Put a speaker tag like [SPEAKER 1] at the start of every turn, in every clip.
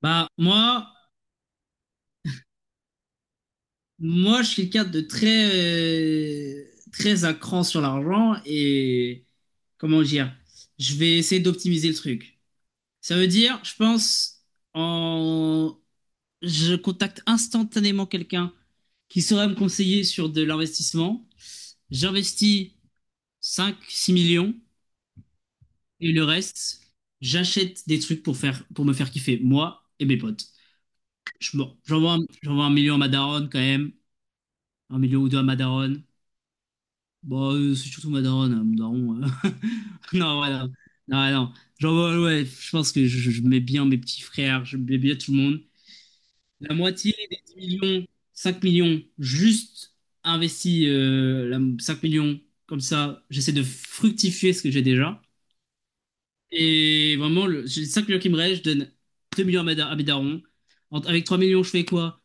[SPEAKER 1] Bah, moi, je suis quelqu'un de très, euh, très à cran sur l'argent et comment dire, je vais essayer d'optimiser le truc. Ça veut dire, je pense, en, je contacte instantanément quelqu'un qui saurait me conseiller sur de l'investissement. J'investis cinq six millions et le reste, j'achète des trucs pour faire, pour me faire kiffer, moi et mes potes. Je, m'en- j'envoie un, j'envoie 1 million à ma daronne quand même, 1 million ou 2 à ma daronne. Bon, c'est surtout ma daronne, hein, mon daron. Non, voilà. Non, non. Genre, ouais, ouais, je pense que je mets bien mes petits frères, je mets bien tout le monde. La moitié des 10 millions, 5 millions, juste investi 5 millions, comme ça, j'essaie de fructifier ce que j'ai déjà. Et vraiment, j'ai 5 millions qui me restent, je donne 2 millions à mes darons. Avec 3 millions, je fais quoi?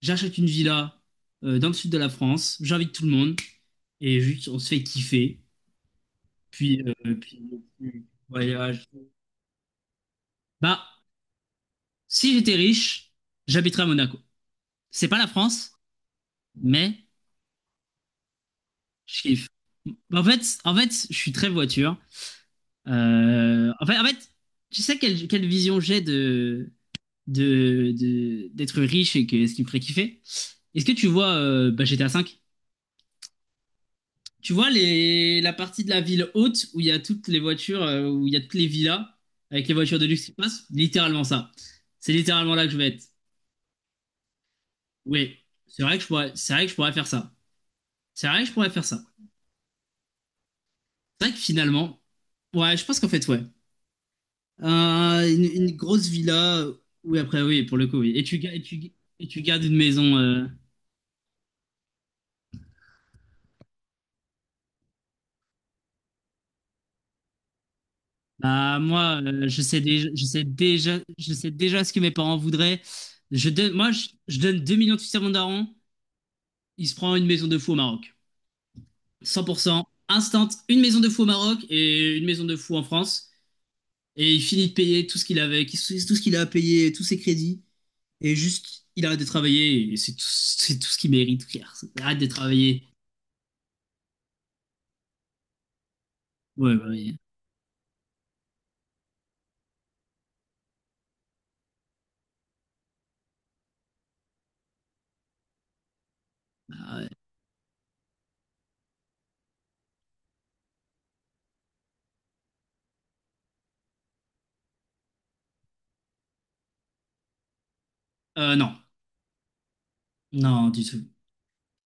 [SPEAKER 1] J'achète une villa dans le sud de la France, j'invite tout le monde, et juste, on se fait kiffer. Puis, euh, puis, puis, voyage. Bah, si j'étais riche, j'habiterais à Monaco. C'est pas la France, mais je kiffe. Bah, en fait, je suis très voiture. En fait, tu sais quelle vision j'ai d'être riche et que, ce qui me ferait kiffer? Est-ce que tu vois bah, GTA 5? Tu vois la partie de la ville haute où il y a toutes les voitures, où il y a toutes les villas avec les voitures de luxe qui passent? Littéralement ça. C'est littéralement là que je vais être. Oui, c'est vrai que je pourrais faire ça. C'est vrai que je pourrais faire ça. C'est vrai que finalement, ouais, je pense qu'en fait, ouais. Une grosse villa, oui, après, oui, pour le coup, oui. Et tu, ga- et tu gardes une maison. Bah, moi, je sais déjà, je sais déjà, je sais déjà ce que mes parents voudraient. Moi, je donne 2 millions de suisses à mon daron. Il se prend une maison de fou au Maroc. 100%, instant, une maison de fou au Maroc et une maison de fou en France. Et il finit de payer tout ce qu'il avait, tout ce qu'il a à payer, tous ses crédits. Et juste, il arrête de travailler, et c'est tout ce qu'il mérite, frère. Arrête de travailler. Ouais, ouais, ouais. Ah ouais. Non, non, du tout.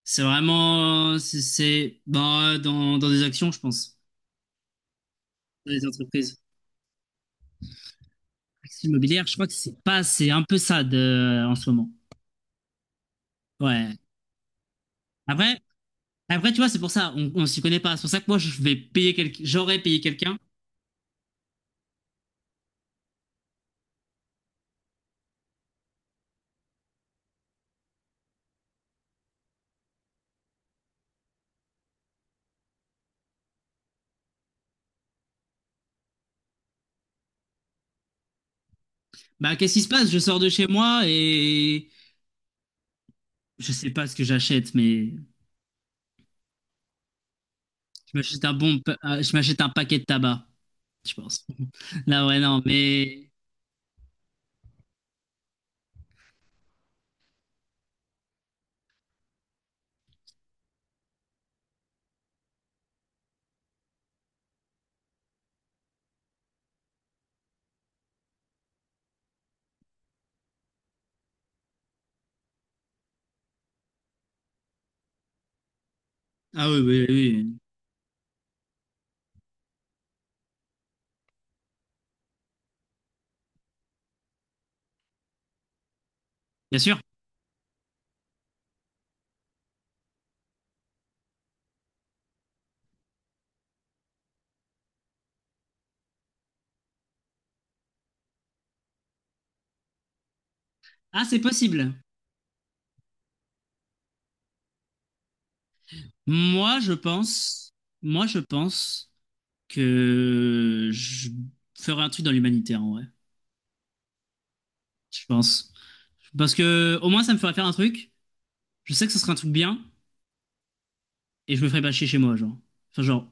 [SPEAKER 1] C'est vraiment, bah, dans des actions, je pense, dans les entreprises. Actions immobilières, je crois que c'est pas, c'est un peu ça de, en ce moment. Ouais. Après, après, tu vois, c'est pour ça, on s'y connaît pas. C'est pour ça que moi, je vais payer quelqu'un, j'aurais payé quelqu'un. Bah, qu'est-ce qui se passe? Je sors de chez moi et je sais pas ce que j'achète, mais je m'achète je m'achète un paquet de tabac. Je pense. Là, ouais, non, mais. Ah oui, oui, oui. Bien sûr. Ah, c'est possible. Moi, je pense. Moi, je pense que je ferai un truc dans l'humanitaire, en vrai. Je pense. Parce que, au moins, ça me fera faire un truc. Je sais que ce sera un truc bien. Et je me ferai pas chier chez moi, genre. Enfin, genre.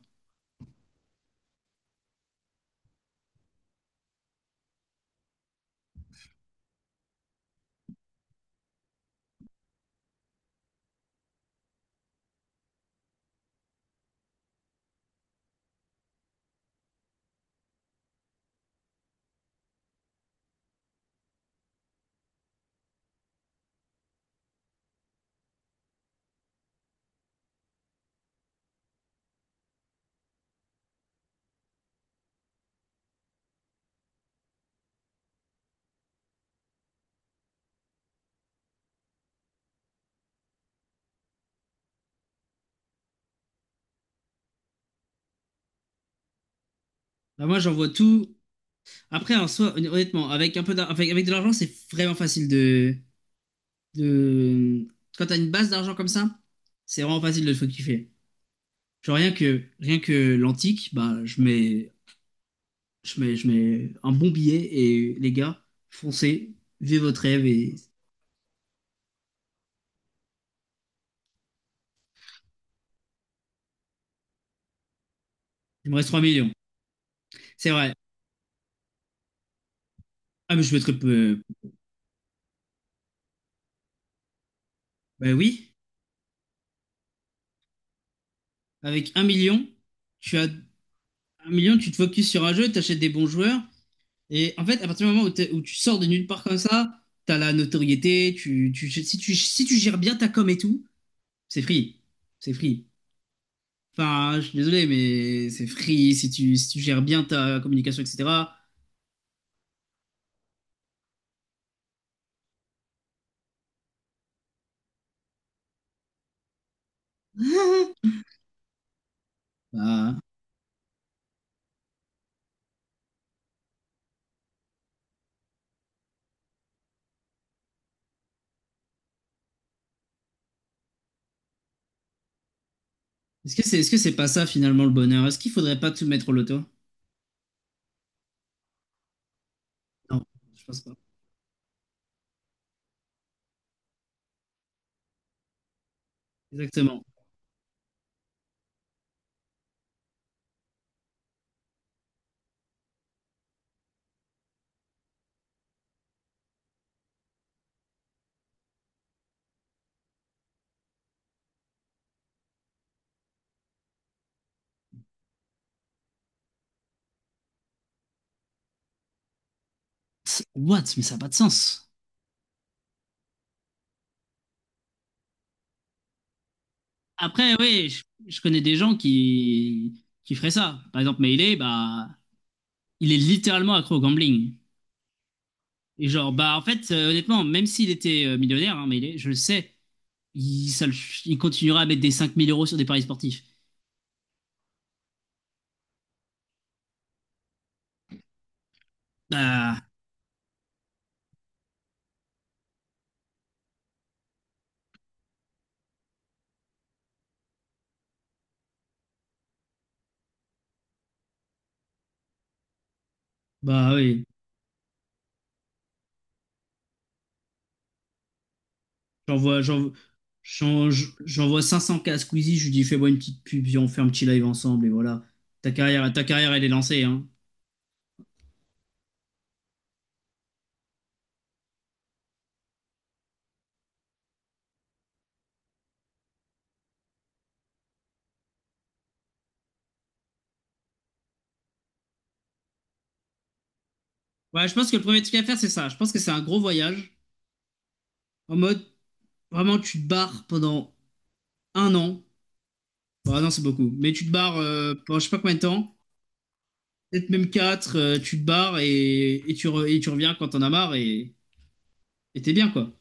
[SPEAKER 1] Bah, moi, j'envoie tout. Après, en soi, honnêtement, avec un peu d'ar- avec, avec de l'argent, c'est vraiment facile de... Quand t'as une base d'argent comme ça, c'est vraiment facile de le faire kiffer. Genre rien que l'antique, bah je mets un bon billet et les gars, foncez, vivez votre rêve, et il me reste 3 millions. C'est vrai. Ah mais je mettrais peu. Bah oui, avec 1 million, tu as 1 million, tu te focuses sur un jeu, t'achètes des bons joueurs et en fait à partir du moment où, où tu sors de nulle part comme ça, t'as la notoriété, tu si tu si tu gères bien ta com et tout, c'est free. C'est free. Enfin, je suis désolé, mais c'est free si tu gères bien ta communication, etc. Ah. Est-ce que c'est pas ça finalement le bonheur? Est-ce qu'il faudrait pas tout mettre au loto? Non, je pense pas. Exactement. What? Mais ça n'a pas de sens. Après, oui, je connais des gens qui feraient ça. Par exemple, Melee, bah, il est littéralement accro au gambling. Et genre, bah, en fait, honnêtement, même s'il était millionnaire, hein, Melee, je le sais, il, ça le- il continuera à mettre des 5 000 euros sur des paris sportifs. Bah, bah, oui. J'envoie, j'en- j'en- j'envoie 500K à Squeezie, je lui dis fais-moi une petite pub, viens, on fait un petit live ensemble et voilà. Ta carrière elle est lancée, hein. Ouais, je pense que le premier truc à faire, c'est ça. Je pense que c'est un gros voyage. En mode, vraiment, tu te barres pendant 1 an. Bah non, c'est beaucoup. Mais tu te barres pendant je sais pas combien de temps. Peut-être même quatre. Tu te barres et tu reviens quand t'en as marre et t'es bien, quoi.